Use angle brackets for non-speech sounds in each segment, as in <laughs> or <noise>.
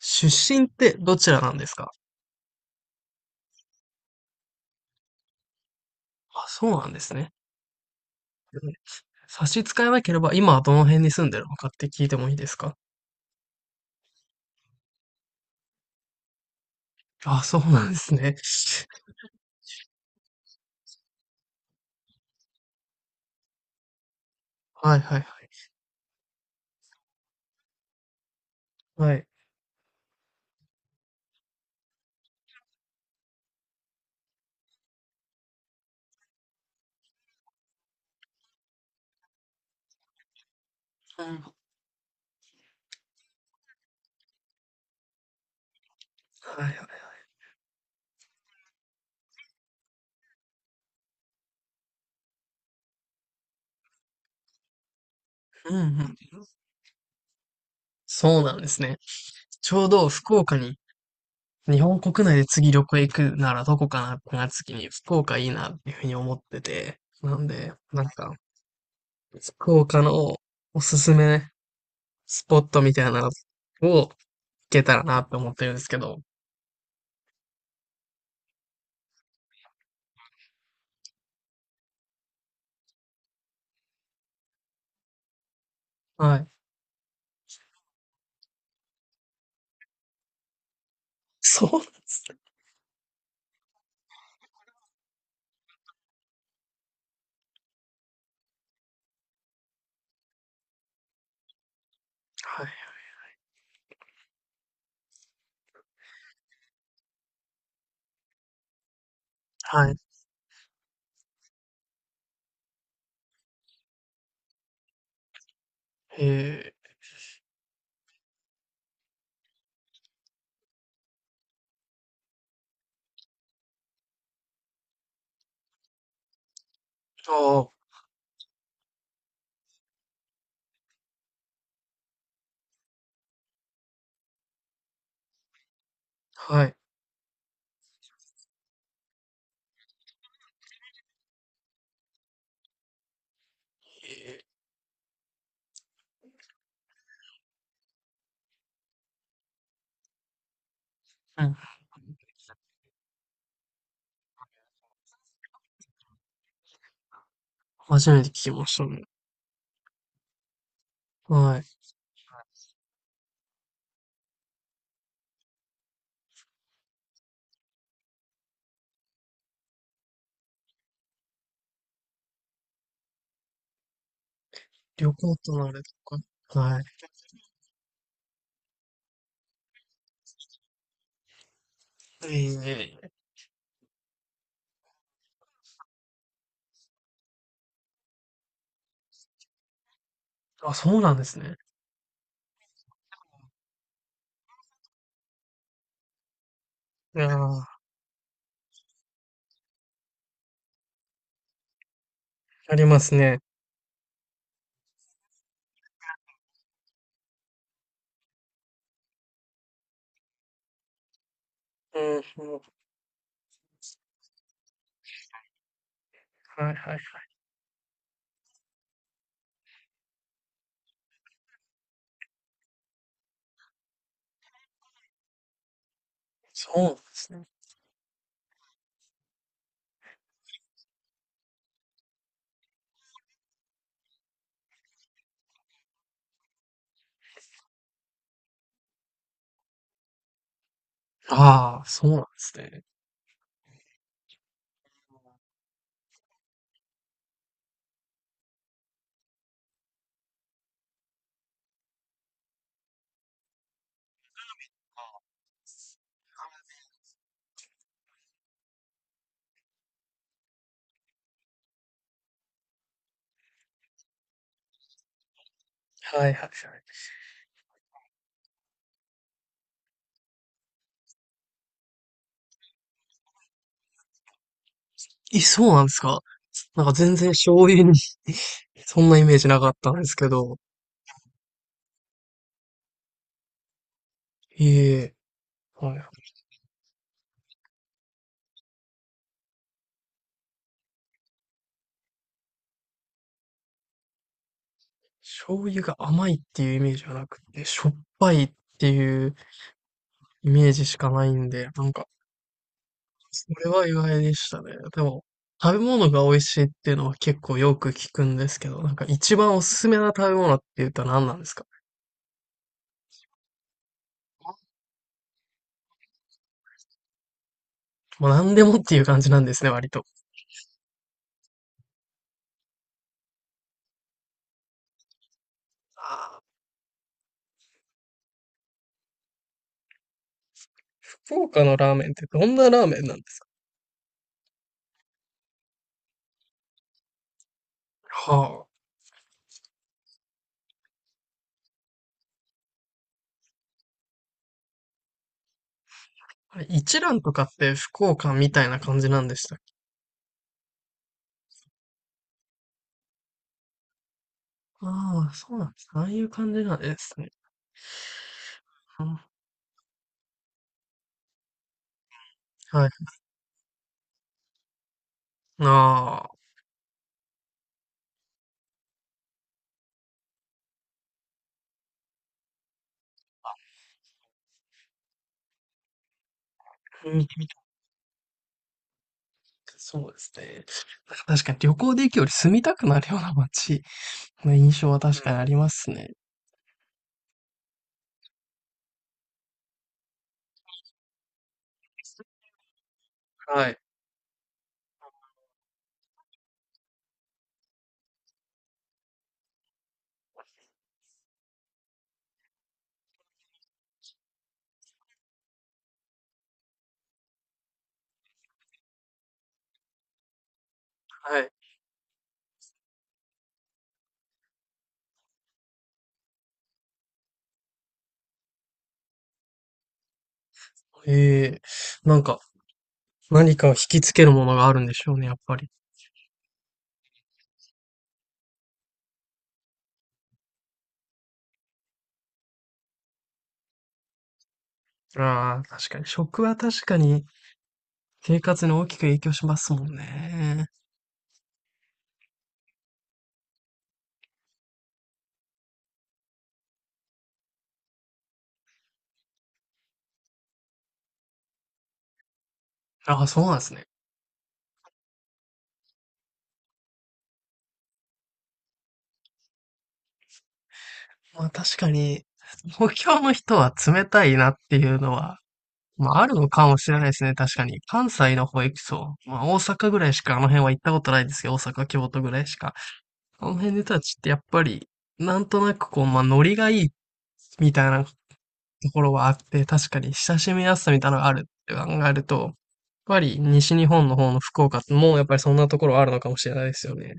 出身ってどちらなんですか？あ、そうなんですね。うん。差し支えなければ、今はどの辺に住んでるのかって聞いてもいいですか？あ、そうなんですね。<laughs> はいはいはい。はい。はいはいはい。うんうん。そうなんですね。ちょうど福岡に、日本国内で次旅行行くならどこかなってなった時に福岡いいなっていうふうに思ってて。なんで、なんか、福岡のおすすめスポットみたいなのを行けたらなって思ってるんですけど。はい。<laughs> そうなんですね。はいはい。へえ。ああ、はい。へえ。うん。初めて聞きましたね。はい。旅行とのあれとか。はい。いえいえいえ。あ、そうなんですね。いやー、ありますね。うんうん。はいはいはい。そうなんですね。ああ、そうなんですね。はいはいはい。え、そうなんですか？なんか全然醤油に、 <laughs> そんなイメージなかったんですけど。いえいえ。はい。醤油が甘いっていうイメージはなくて、しょっぱいっていうイメージしかないんで、なんか、それは意外でしたね。でも、食べ物が美味しいっていうのは結構よく聞くんですけど、なんか一番おすすめな食べ物って言うと何なんですか？もう何でもっていう感じなんですね、割と。あー、福岡のラーメンってどんなラーメンなんですか？はあ。あれ、一蘭とかって福岡みたいな感じなんでしたっけ？ああ、そうなんです。ああいう感じなんですね。うん、はい。ああ、見てみた、そうですね。なんか確かに旅行で行くより住みたくなるような街の印象は確かにありますね。うん、はい。はい。ええ、なんか、何かを引きつけるものがあるんでしょうね、やっぱり。ああ、確かに。食は確かに生活に大きく影響しますもんね。ああ、そうなんですね。まあ確かに、東京の人は冷たいなっていうのは、まああるのかもしれないですね、確かに。関西の方行くと、まあ大阪ぐらいしかあの辺は行ったことないですけど、大阪、京都ぐらいしか。あの辺の人たちってやっぱり、なんとなくこう、まあノリがいいみたいなところはあって、確かに親しみやすさみたいなのがあるって考えると、やっぱり西日本の方の福岡ってもうやっぱりそんなところはあるのかもしれないですよね。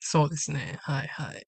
そうですね。はいはい。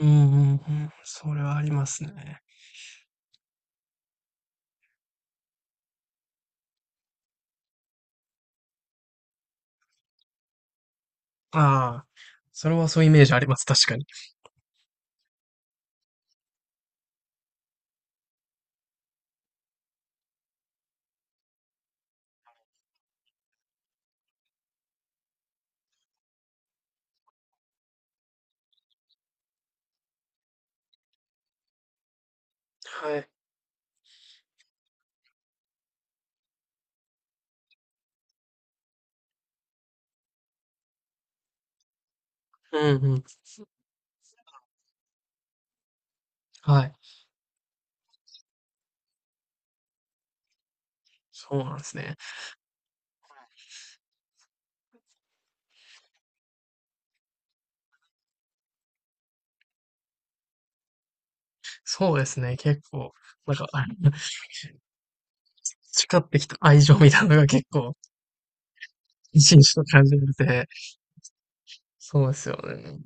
うんうんうん。それはありますね。ああ、それはそういうイメージあります。確かに。はい。うんうん。はい。そうなんですね。そうですね。結構、なんか、あ、 <laughs> 培ってきた愛情みたいなのが結構、一日しと感じられて、そうですよね。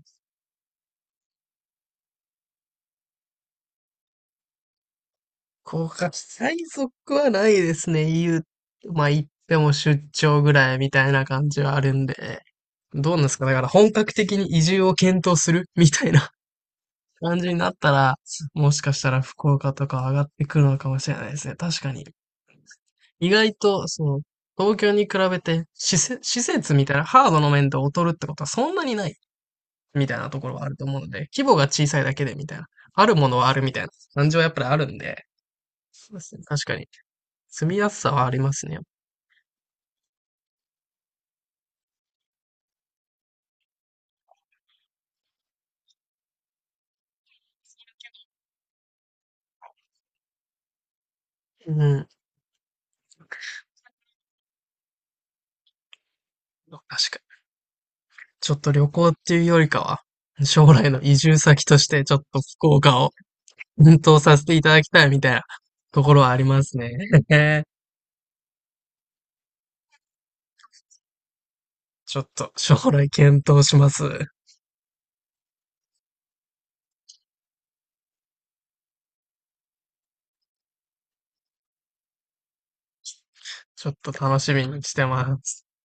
国家最速はないですね。言う、まあ言っても出張ぐらいみたいな感じはあるんで。どうなんですか、だから本格的に移住を検討するみたいな、 <laughs> 感じになったら、もしかしたら福岡とか上がってくるのかもしれないですね。確かに。意外と、そう、東京に比べて施設、施設みたいなハードの面で劣るってことはそんなにないみたいなところはあると思うので、規模が小さいだけでみたいな。あるものはあるみたいな感じはやっぱりあるんで、そうですね。確かに。住みやすさはありますね。うん。確かに。ちょっと旅行っていうよりかは、将来の移住先としてちょっと福岡を奮闘させていただきたいみたいなところはありますね。<laughs> ちょっと将来検討します。ちょっと楽しみにしてます。